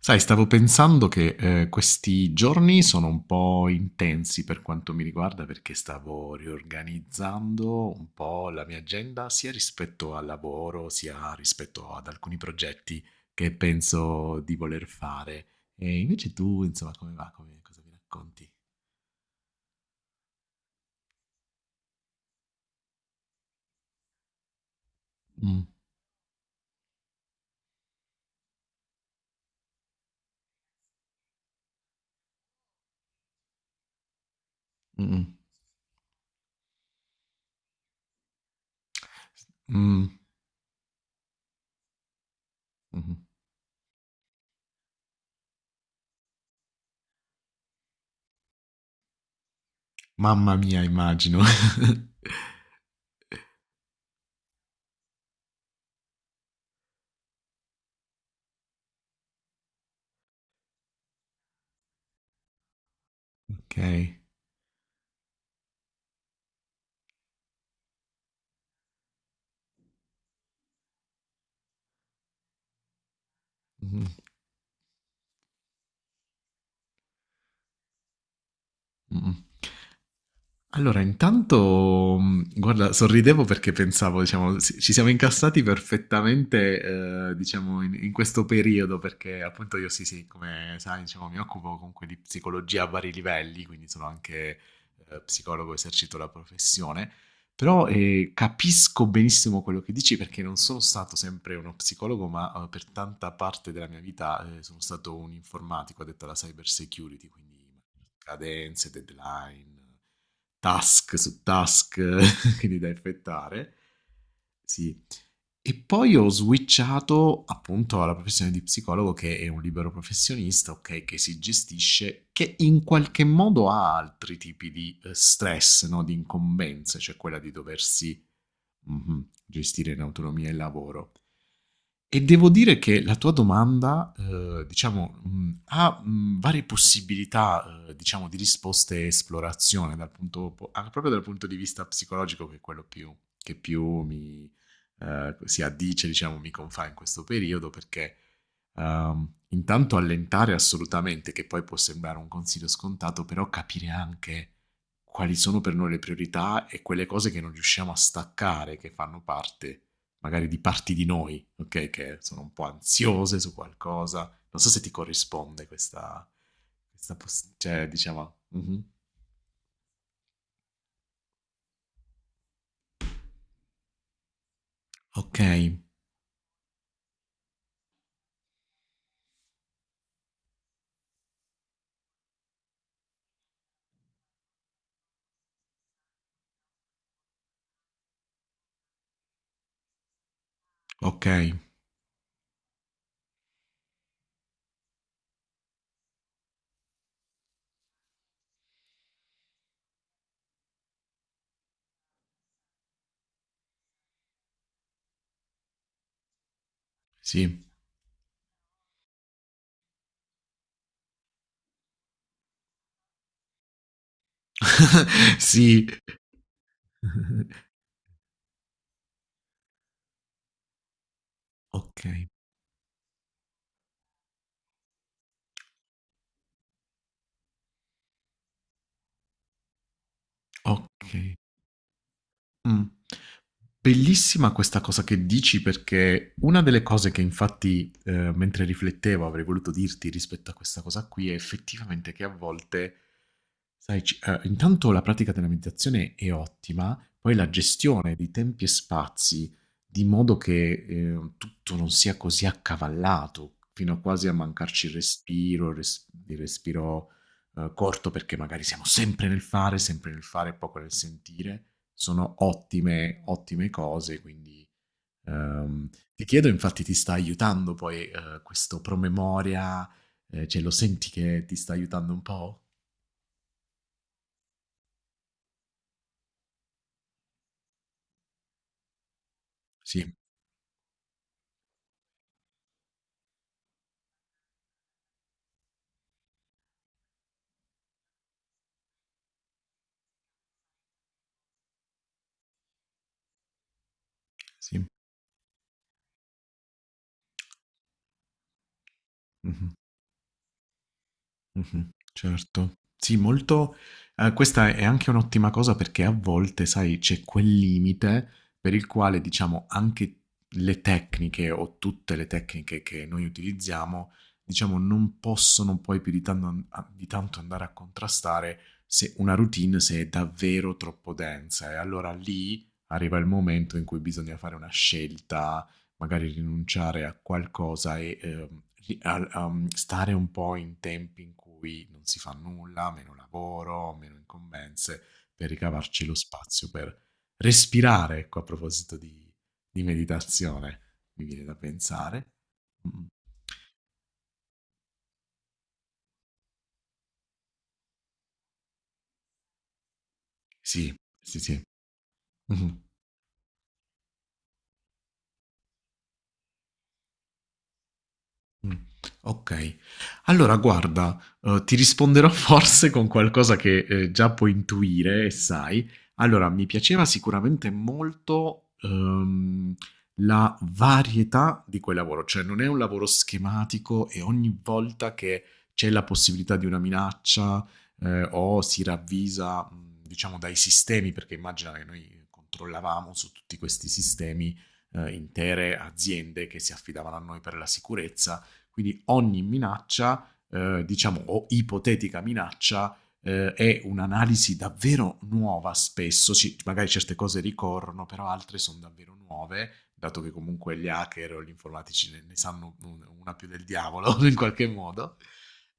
Sai, stavo pensando che questi giorni sono un po' intensi per quanto mi riguarda perché stavo riorganizzando un po' la mia agenda sia rispetto al lavoro sia rispetto ad alcuni progetti che penso di voler fare. E invece tu, insomma, come va? Cosa mi racconti? Mm, Mm, mm, mhm. Mamma mia, immagino. Ok. Mm, mm. Allora, intanto, guarda, sorridevo perché pensavo, diciamo, ci siamo incassati perfettamente, diciamo, in questo periodo, perché appunto io sì, sì, come sai, diciamo, mi occupo comunque di psicologia a vari livelli, quindi sono anche psicologo, esercito la professione, però capisco benissimo quello che dici perché non sono stato sempre uno psicologo, ma per tanta parte della mia vita sono stato un informatico addetto alla cyber security, quindi cadenze, deadline, task su task quindi da effettare. Sì. E poi ho switchato appunto alla professione di psicologo che è un libero professionista, ok, che si gestisce, che in qualche modo ha altri tipi di stress, no? Di incombenze, cioè quella di doversi Mh-mh. Gestire in autonomia il lavoro. E devo dire che la tua domanda, diciamo, ha, varie possibilità, diciamo di risposte e esplorazione dal punto po anche proprio dal punto di vista psicologico che è quello più mi, si addice, diciamo, mi confà in questo periodo perché, intanto allentare assolutamente, che poi può sembrare un consiglio scontato, però capire anche quali sono per noi le priorità e quelle cose che non riusciamo a staccare, che fanno parte magari di parti di noi, ok? Che sono un po' ansiose su qualcosa. Non so se ti corrisponde questa, cioè, diciamo, mhm. Ok, ok, sì, sì, ok, ok. Mh. Bellissima questa cosa che dici perché una delle cose che infatti, mentre riflettevo avrei voluto dirti rispetto a questa cosa qui è effettivamente che a volte Sai, intanto la pratica della meditazione è ottima, poi la gestione di tempi e spazi, di modo che tutto non sia così accavallato, fino a quasi a mancarci il respiro, il respiro corto, perché magari siamo sempre nel fare, e poco nel sentire. Sono ottime, ottime cose, quindi ehm, ti chiedo, infatti ti sta aiutando poi questo promemoria, cioè lo senti che ti sta aiutando un po'? Sì, sì. Mh-mh, mh-mh, certo. Sì, molto questa è anche un'ottima cosa perché a volte, sai, c'è quel limite per il quale, diciamo, anche le tecniche o tutte le tecniche che noi utilizziamo, diciamo, non possono poi più di tanno an a di tanto andare a contrastare se una routine se è davvero troppo densa. E allora lì arriva il momento in cui bisogna fare una scelta. Magari rinunciare a qualcosa e, ri al stare un po' in tempi in cui non si fa nulla, meno lavoro, meno incombenze, per ricavarci lo spazio per respirare, ecco, a proposito di meditazione, mi viene da pensare. Mh-mh. Sì, sì, sì. Mh-mh. Mh, okay. Allora guarda, ti risponderò forse con qualcosa che, già puoi intuire e sai. Allora, mi piaceva sicuramente molto, la varietà di quel lavoro, cioè non è un lavoro schematico e ogni volta che c'è la possibilità di una minaccia, o si ravvisa, diciamo dai sistemi, perché immagina che noi controllavamo su tutti questi sistemi, intere aziende che si affidavano a noi per la sicurezza quindi ogni minaccia, diciamo, o ipotetica minaccia, è un'analisi davvero nuova spesso. Magari certe cose ricorrono, però altre sono davvero nuove, dato che comunque gli hacker o gli informatici ne sanno una più del diavolo in qualche modo.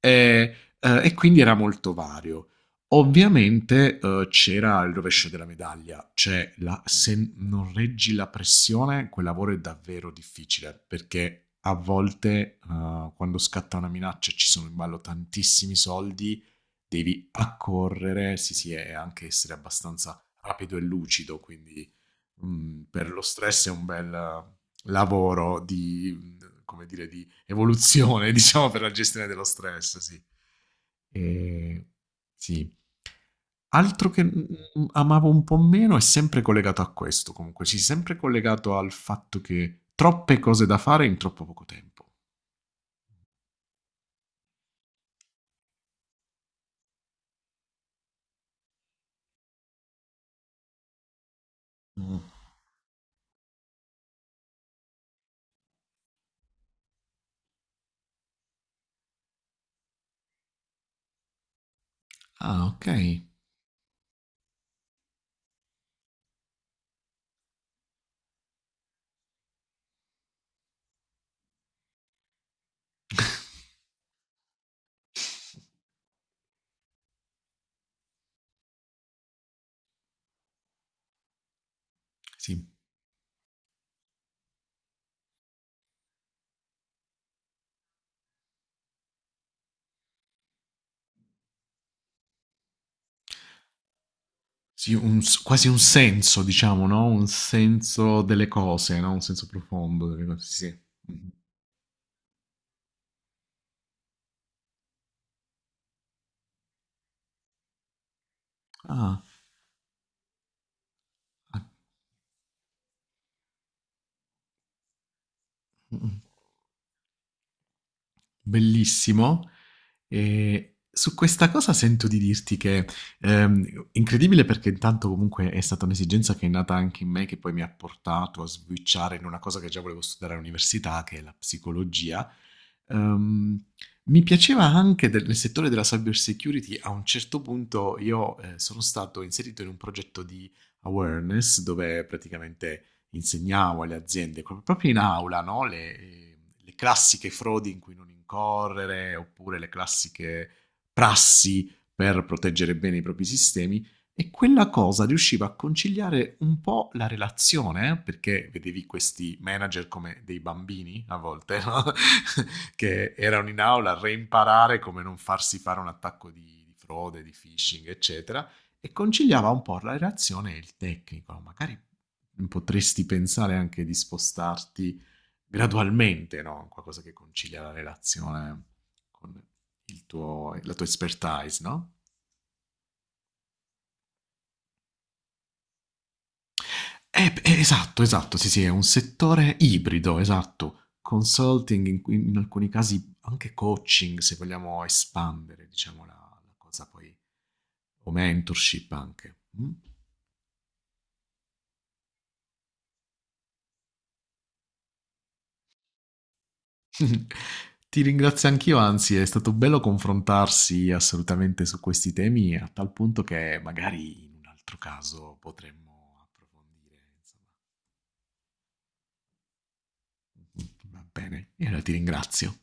Eh, e quindi era molto vario. Ovviamente, c'era il rovescio della medaglia, cioè la se non reggi la pressione quel lavoro è davvero difficile, perché a volte, quando scatta una minaccia e ci sono in ballo tantissimi soldi, devi accorrere, sì, sì, e anche essere abbastanza rapido e lucido, quindi, per lo stress è un bel lavoro di, come dire, di evoluzione diciamo per la gestione dello stress, sì. Ehm, sì. Altro che, amavo un po' meno è sempre collegato a questo comunque, sì, sempre collegato al fatto che troppe cose da fare in troppo poco tempo. Mh. Ah, okay. Sì. Sì, un s quasi un senso diciamo, no, un senso delle cose, no, un senso profondo delle cose, sì. Mh-mh. Ah, ah, mh-mh. Bellissimo. E su questa cosa sento di dirti che, incredibile perché intanto comunque è stata un'esigenza che è nata anche in me, che poi mi ha portato a switchare in una cosa che già volevo studiare all'università, che è la psicologia. Ehm, mi piaceva anche nel settore della cyber security, a un certo punto io sono stato inserito in un progetto di awareness dove praticamente insegnavo alle aziende, proprio in aula, no? Le classiche frodi in cui non incorrere, oppure le classiche prassi per proteggere bene i propri sistemi. E quella cosa riusciva a conciliare un po' la relazione, eh? Perché vedevi questi manager come dei bambini a volte, no? Che erano in aula a reimparare come non farsi fare un attacco di frode, di phishing, eccetera, e conciliava un po' la relazione e il tecnico. Magari potresti pensare anche di spostarti gradualmente, no? Qualcosa che concilia la relazione con la tua expertise, no? Esatto, esatto, sì, sì, è un settore ibrido, esatto. Consulting, in alcuni casi anche coaching, se vogliamo espandere, diciamo, la cosa poi, o mentorship anche. Mm? Ti ringrazio anch'io, anzi, è stato bello confrontarsi assolutamente su questi temi, a tal punto che magari in un altro caso potremmo approfondire, insomma. Va bene, e allora ti ringrazio.